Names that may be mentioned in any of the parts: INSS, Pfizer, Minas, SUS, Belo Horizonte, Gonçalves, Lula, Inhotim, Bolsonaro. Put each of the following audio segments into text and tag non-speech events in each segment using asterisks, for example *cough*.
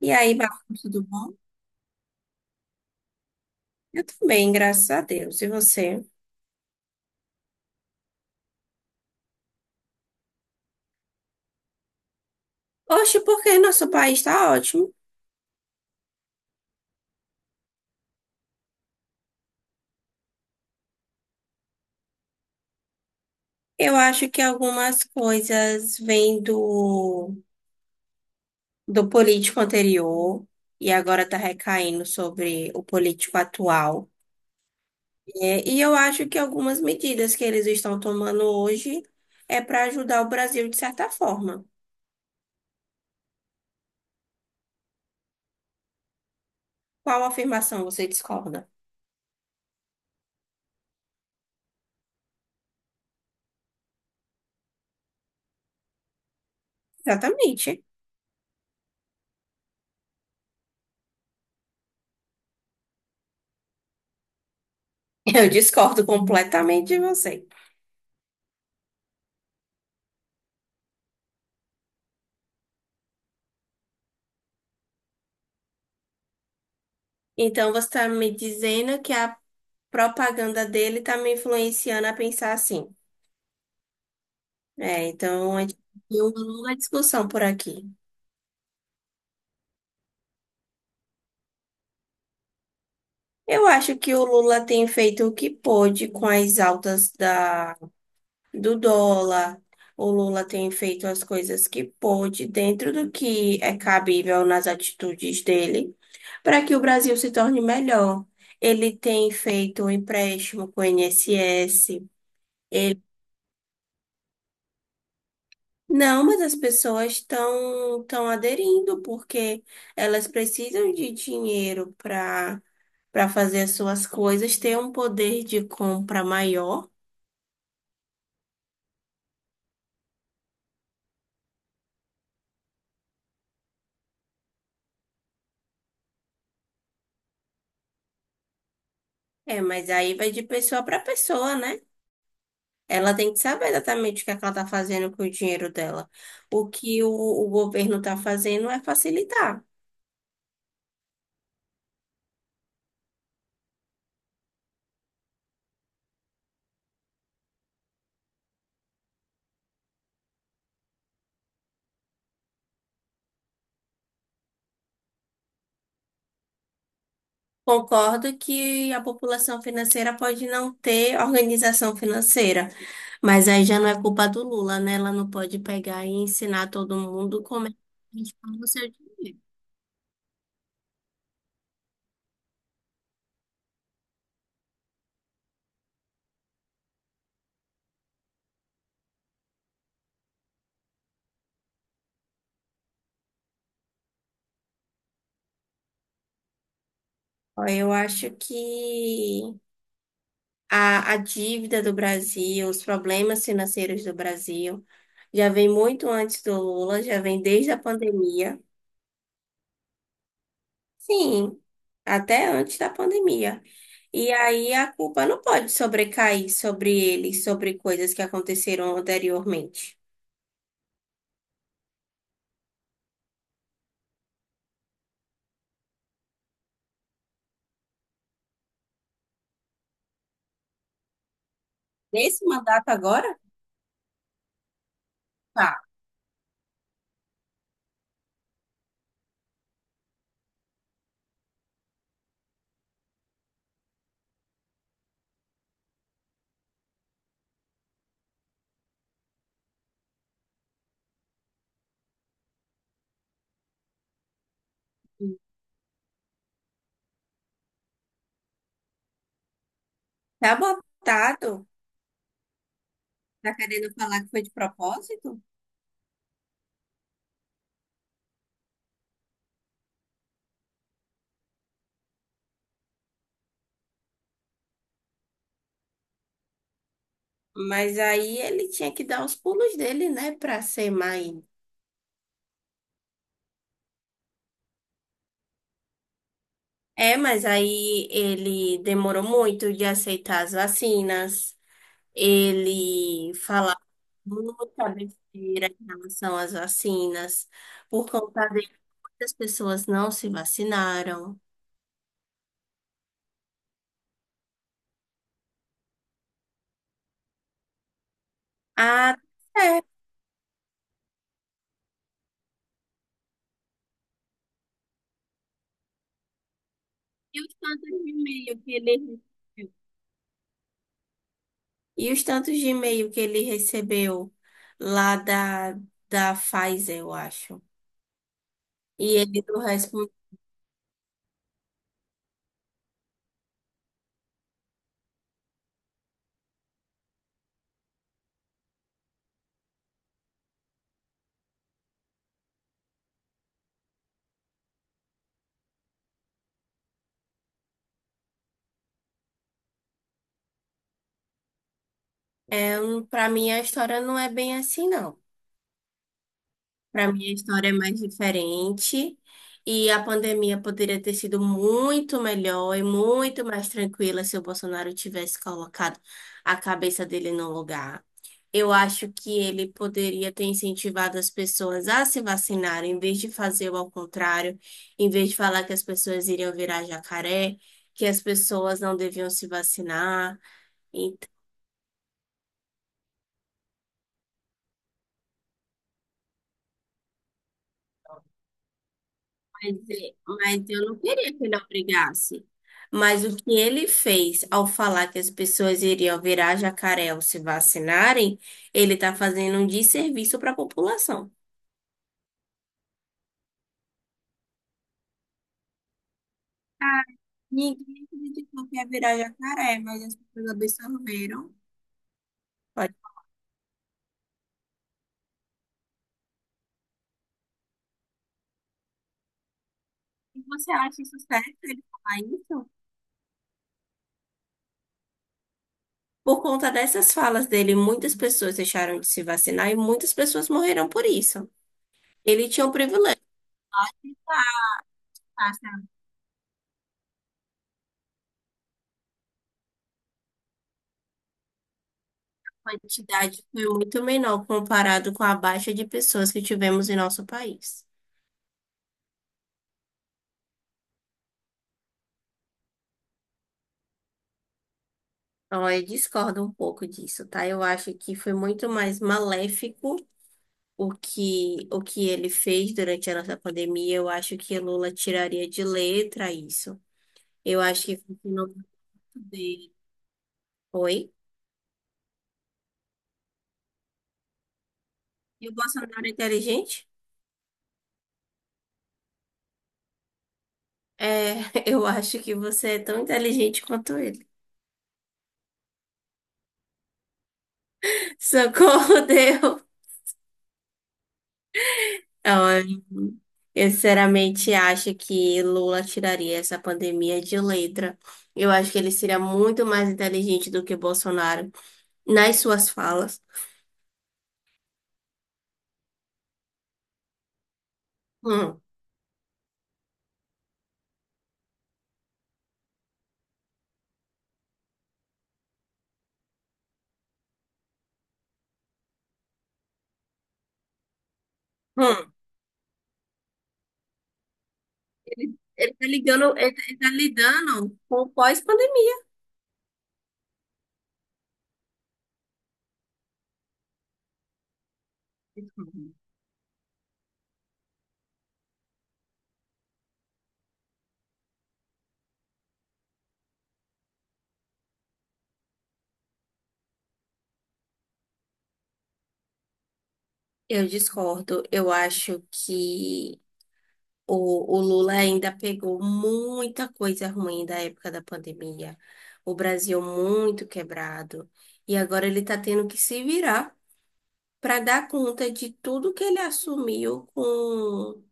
E aí, Bafo, tudo bom? Eu também, graças a Deus. E você? Oxe, porque nosso país está ótimo. Eu acho que algumas coisas vêm do político anterior e agora está recaindo sobre o político atual. É, e eu acho que algumas medidas que eles estão tomando hoje é para ajudar o Brasil de certa forma. Qual afirmação você discorda? Exatamente. *laughs* Eu discordo completamente de você. Então, você está me dizendo que a propaganda dele tá me influenciando a pensar assim. É, então a gente tem uma longa discussão por aqui. Eu acho que o Lula tem feito o que pôde com as altas do dólar. O Lula tem feito as coisas que pôde dentro do que é cabível nas atitudes dele para que o Brasil se torne melhor. Ele tem feito um empréstimo com o INSS. Não, mas as pessoas estão aderindo porque elas precisam de dinheiro para fazer as suas coisas, ter um poder de compra maior. É, mas aí vai de pessoa para pessoa, né? Ela tem que saber exatamente o que é que ela está fazendo com o dinheiro dela. O que o governo está fazendo é facilitar. Concordo que a população financeira pode não ter organização financeira, mas aí já não é culpa do Lula, né? Ela não pode pegar e ensinar todo mundo como é que a gente faz o seu dinheiro. Ó, eu acho que a dívida do Brasil, os problemas financeiros do Brasil, já vem muito antes do Lula, já vem desde a pandemia. Sim, até antes da pandemia. E aí a culpa não pode sobrecair sobre ele, sobre coisas que aconteceram anteriormente. Nesse mandato agora, tá. Tá botado. Tá querendo falar que foi de propósito? Mas aí ele tinha que dar os pulos dele, né, pra ser mãe. É, mas aí ele demorou muito de aceitar as vacinas. Ele falava muita besteira em relação às vacinas. Por conta de muitas pessoas não se vacinaram. Ah, é. E os tantos de e-mail que ele recebeu? E os tantos de e-mail que ele recebeu lá da Pfizer, eu acho. E ele não respondeu. Para mim, a história não é bem assim, não. Para mim, a história é mais diferente e a pandemia poderia ter sido muito melhor e muito mais tranquila se o Bolsonaro tivesse colocado a cabeça dele no lugar. Eu acho que ele poderia ter incentivado as pessoas a se vacinarem, em vez de fazer o ao contrário, em vez de falar que as pessoas iriam virar jacaré, que as pessoas não deviam se vacinar. Mas eu não queria que ele obrigasse. Mas o que ele fez ao falar que as pessoas iriam virar jacaré ao se vacinarem, ele está fazendo um desserviço para a população. Ah, ninguém acreditou que ia virar jacaré, mas as pessoas absorveram. Pode. E você acha isso certo ele falar isso? Por conta dessas falas dele, muitas pessoas deixaram de se vacinar e muitas pessoas morreram por isso. Ele tinha um privilégio. Quantidade foi muito menor comparado com a baixa de pessoas que tivemos em nosso país. Então, eu discordo um pouco disso, tá? Eu acho que foi muito mais maléfico o que ele fez durante a nossa pandemia. Eu acho que Lula tiraria de letra isso. Eu acho que funcionou muito bem. Oi? E o Bolsonaro é inteligente? É, *laughs* eu acho que você é tão inteligente quanto ele. Socorro, Deus! Olha, eu sinceramente acho que Lula tiraria essa pandemia de letra. Eu acho que ele seria muito mais inteligente do que Bolsonaro nas suas falas. Hum, hum. Ele tá ligando, ele tá lidando com o pós-pandemia. Uhum. Eu discordo. Eu acho que o Lula ainda pegou muita coisa ruim da época da pandemia. O Brasil muito quebrado. E agora ele tá tendo que se virar para dar conta de tudo que ele assumiu com,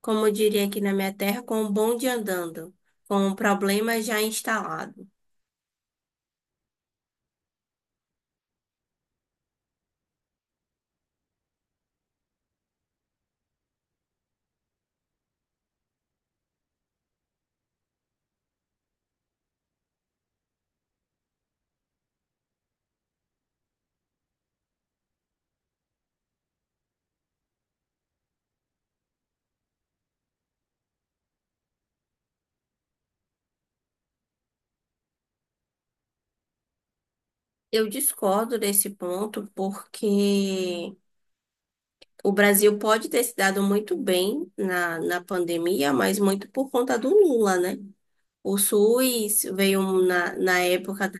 como eu diria aqui na minha terra, com o bonde andando, com o problema já instalado. Eu discordo desse ponto porque o Brasil pode ter se dado muito bem na pandemia, mas muito por conta do Lula, né? O SUS veio na época.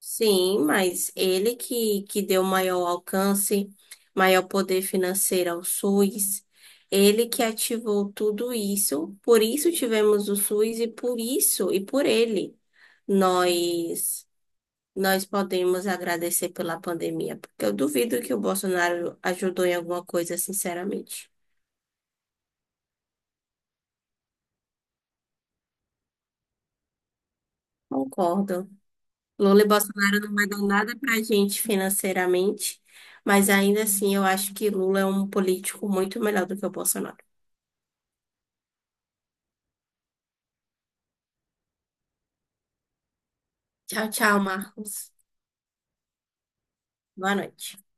Sim, mas ele que deu maior alcance, maior poder financeiro ao SUS, ele que ativou tudo isso, por isso tivemos o SUS e por isso e por ele nós nós podemos agradecer pela pandemia, porque eu duvido que o Bolsonaro ajudou em alguma coisa, sinceramente. Concordo. Lula e Bolsonaro não vai dar nada pra gente financeiramente. Mas ainda assim, eu acho que Lula é um político muito melhor do que o Bolsonaro. Tchau, tchau, Marcos. Boa noite.